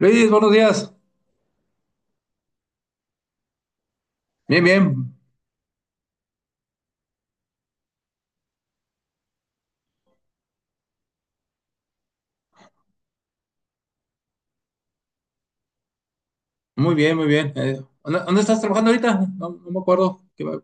Luis, buenos días. Bien, bien. Muy bien, muy bien. ¿Dónde estás trabajando ahorita? No, no me acuerdo.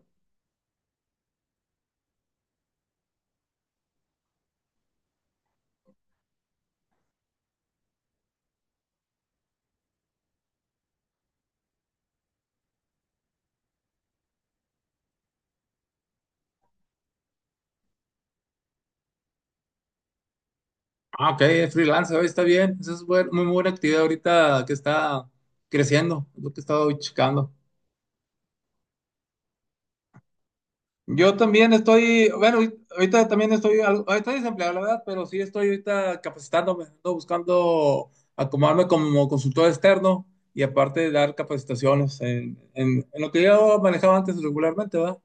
Ah, ok, es freelance, está bien. Esa es muy buena actividad ahorita que está creciendo, es lo que he estado checando. Yo también estoy, bueno, ahorita ahorita también estoy desempleado, la verdad, pero sí estoy ahorita capacitándome, ando buscando acomodarme como consultor externo y aparte dar capacitaciones en lo que yo manejaba antes regularmente, ¿verdad?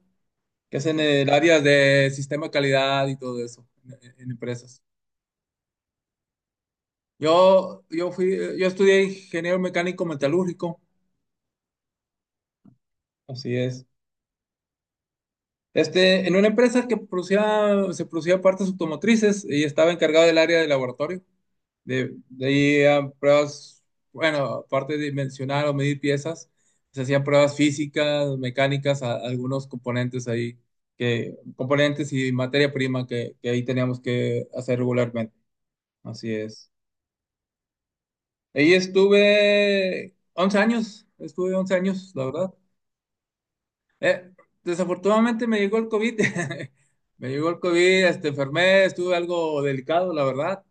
Que es en el área de sistema de calidad y todo eso, en empresas. Yo estudié ingeniero mecánico metalúrgico, así es. En una empresa que se producía partes automotrices y estaba encargado del área de laboratorio, de ahí a pruebas, bueno, aparte de dimensionar o medir piezas, se hacían pruebas físicas, mecánicas, algunos componentes ahí, componentes y materia prima que ahí teníamos que hacer regularmente, así es. Ahí estuve 11 años, estuve 11 años, la verdad. Eh, Desafortunadamente me llegó el COVID. Me llegó el COVID. Enfermé, estuve algo delicado, la verdad.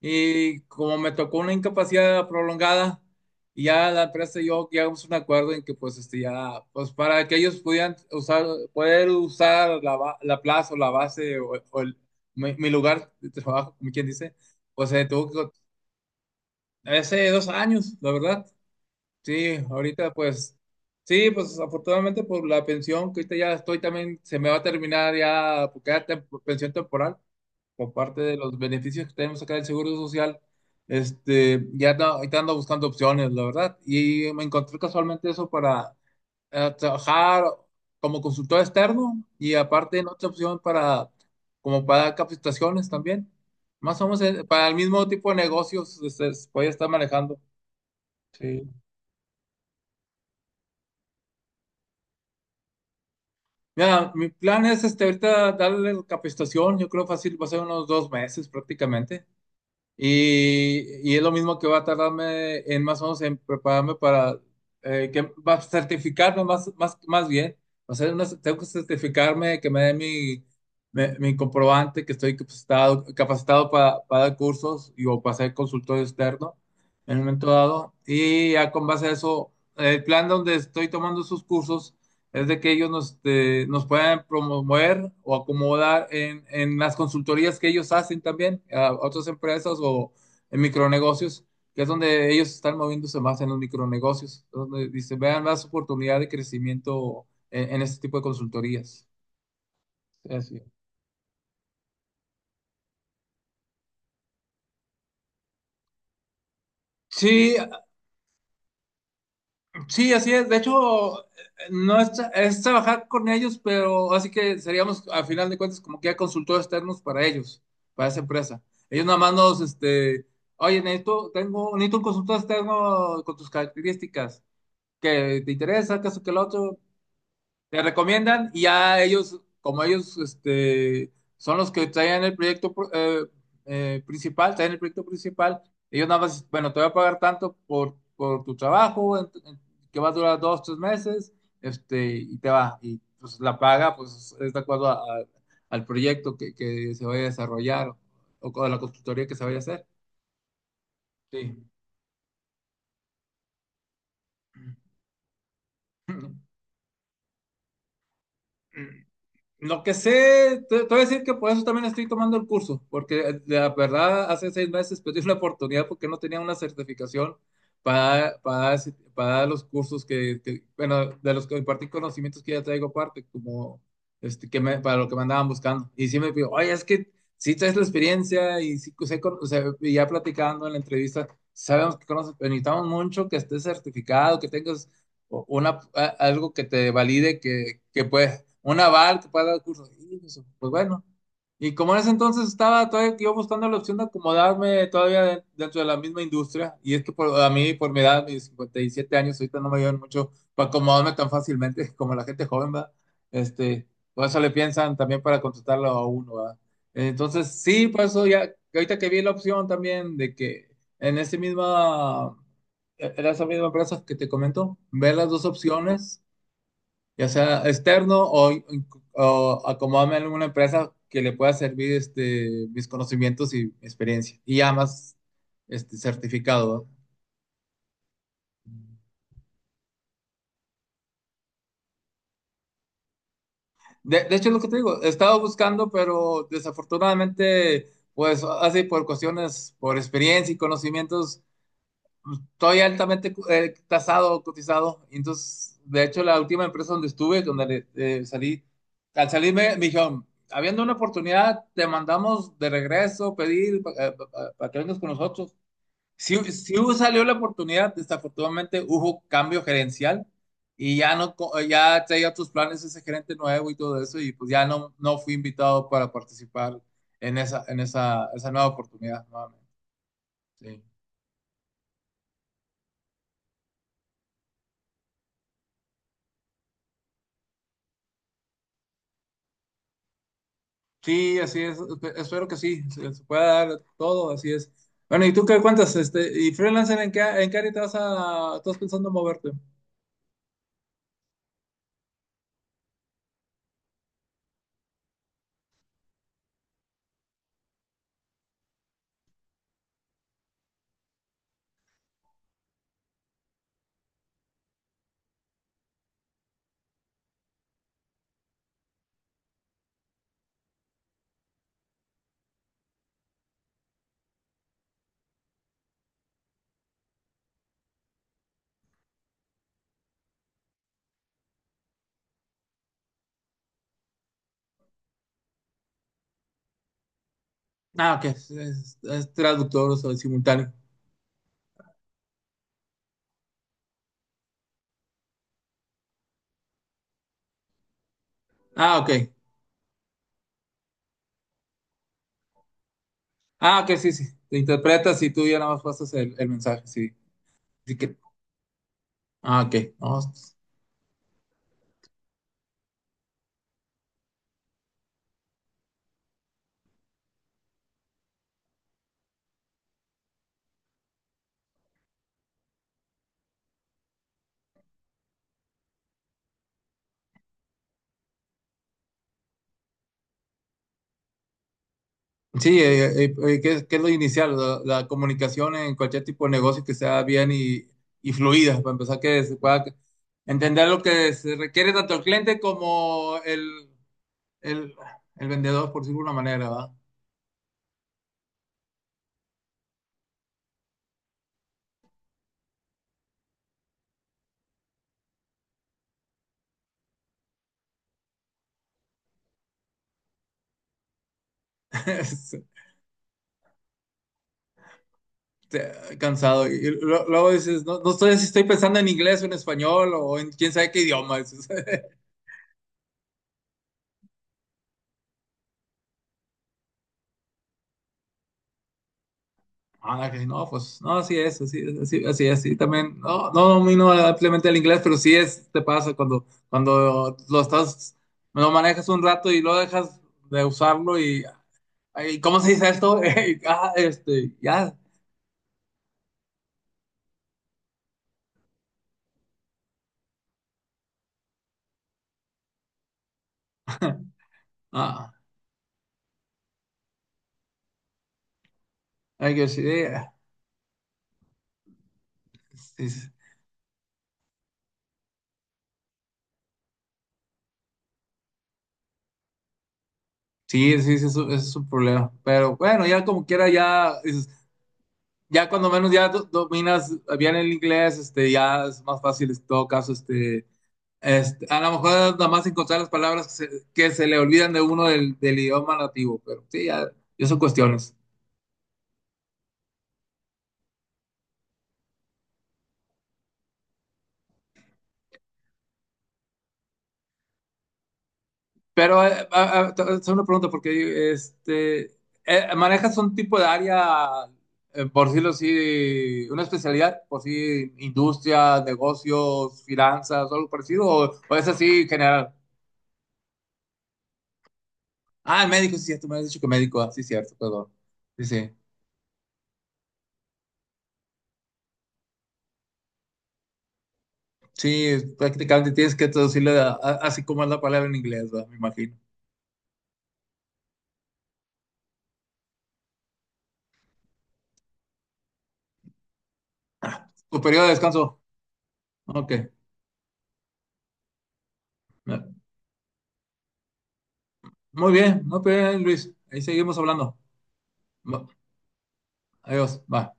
Y como me tocó una incapacidad prolongada, y ya la empresa y yo llegamos a un acuerdo en que pues ya, pues para que ellos pudieran poder usar la plaza o la base o mi lugar de trabajo, como quien dice, pues se tuvo que, hace 2 años, la verdad. Sí, ahorita pues, sí, pues afortunadamente por la pensión, que ahorita ya estoy también, se me va a terminar ya, porque era pensión temporal, por parte de los beneficios que tenemos acá del Seguro Social. Ya ahorita ando buscando opciones, la verdad, y me encontré casualmente eso para trabajar como consultor externo y aparte en otra opción para, como para dar capacitaciones también, más o menos para el mismo tipo de negocios, voy a estar manejando, sí. Mira, mi plan es ahorita darle capacitación, yo creo fácil, va a ser unos 2 meses prácticamente. Y es lo mismo que va a tardarme en más o menos en prepararme para que va a certificarme más, más, más bien. O sea, tengo que certificarme, que me dé mi comprobante, que estoy capacitado, capacitado para dar cursos y, o para ser consultor externo en un momento dado. Y ya con base a eso, el plan donde estoy tomando esos cursos es de que ellos nos puedan promover o acomodar en las consultorías que ellos hacen también a otras empresas o en micronegocios, que es donde ellos están moviéndose más en los micronegocios, donde dice, vean más oportunidad de crecimiento en este tipo de consultorías. Así. Sí, sí, así es. De hecho, no es, es trabajar con ellos, pero así que seríamos, a final de cuentas, como que ya consultores externos para ellos, para esa empresa. Ellos nada más nos, oye, necesito un consultor externo con tus características, que te interesa, que eso, que el otro, te recomiendan y ya ellos, como ellos son los que traen el proyecto principal, traen el proyecto principal, ellos nada más, bueno, te voy a pagar tanto por tu trabajo, que va a durar 2, 3 meses, y y pues la paga, pues es de acuerdo al proyecto que se vaya a desarrollar o, con la consultoría que se vaya a hacer. Sí. Lo que sé, te voy a decir que por eso también estoy tomando el curso, porque la verdad hace 6 meses perdí una oportunidad porque no tenía una certificación para dar los cursos bueno, de los que impartí conocimientos que ya traigo aparte, como para lo que me andaban buscando. Y sí me pidió, oye, es que sí traes la experiencia y sí, o sea, y ya platicando en la entrevista, sabemos que conoces, pero necesitamos mucho que estés certificado, que tengas o algo que te valide que puedes, un aval que pueda dar curso. Y pues bueno. Y como en ese entonces estaba todavía yo buscando la opción de acomodarme todavía dentro de la misma industria, y es que por, a mí, por mi edad, mis 57 años, ahorita no me ayudan mucho para acomodarme tan fácilmente como la gente joven, ¿verdad? Este, por eso le piensan también para contratarlo a uno, ¿verdad? Entonces, sí, por eso ya, ahorita que vi la opción también de que en ese mismo e-, era esa misma empresa que te comento, ver las dos opciones, ya sea externo o acomodarme en una empresa que le pueda servir mis conocimientos y experiencia. Y ya más certificado, ¿verdad? De hecho, es lo que te digo, he estado buscando, pero desafortunadamente, pues así por cuestiones, por experiencia y conocimientos, estoy altamente tasado, cotizado. Entonces, de hecho, la última empresa donde estuve, donde salí, al salir me dijeron, habiendo una oportunidad, te mandamos de regreso pedir para que vengas con nosotros. Sí, sí salió la oportunidad, desafortunadamente hubo cambio gerencial y ya no, ya traía otros planes ese gerente nuevo y todo eso y pues ya no fui invitado para participar en esa nueva oportunidad nuevamente. Sí. Sí, así es. Espero que sí, se pueda dar todo, así es. Bueno, ¿y tú qué cuentas? ¿Y freelancer en qué área estás pensando moverte? Ah, ok, es traductor, o sea, simultáneo. Ah, ok. Ah, ok, sí, sí. Te interpretas y tú ya nada más pasas el mensaje, sí. Así que, ah, ok. No, sí, es que es lo inicial, la comunicación en cualquier tipo de negocio que sea bien y fluida, para empezar que se pueda entender lo que se requiere tanto el cliente como el, el vendedor, por decirlo de una manera, ¿va? Es- te- Cansado. Y luego dices, no, no sé si estoy pensando en inglés o en español o en quién sabe qué idioma. Ah, que si no, pues no, así es, así es, así, así es, sí, también, no, no domino ampliamente el inglés, pero sí es, te pasa cuando lo estás, lo manejas un rato y lo dejas de usarlo y, ay, ¿cómo se dice esto? Y, ah, ya, ah, I guess, yeah. Sí, sí, sí, sí, sí, es un problema, pero bueno, ya como quiera, ya, ya cuando menos ya dominas bien el inglés, ya es más fácil en todo caso. A lo mejor nada más encontrar las palabras que se le olvidan de uno del idioma nativo, pero sí, ya, ya son cuestiones. Pero te voy a hacer una pregunta, porque ¿manejas un tipo de área, por decirlo así, una especialidad, por si industria, negocios, finanzas, o algo parecido, o es así general? Ah, médico, sí, cierto, me has dicho que médico, ah, sí, cierto, perdón. Sí, sí. Sí, prácticamente tienes que traducirle así como es la palabra en inglés, ¿verdad? Me imagino. Tu periodo de descanso. Ok. Muy bien, Luis. Ahí seguimos hablando. Va. Adiós. Bye.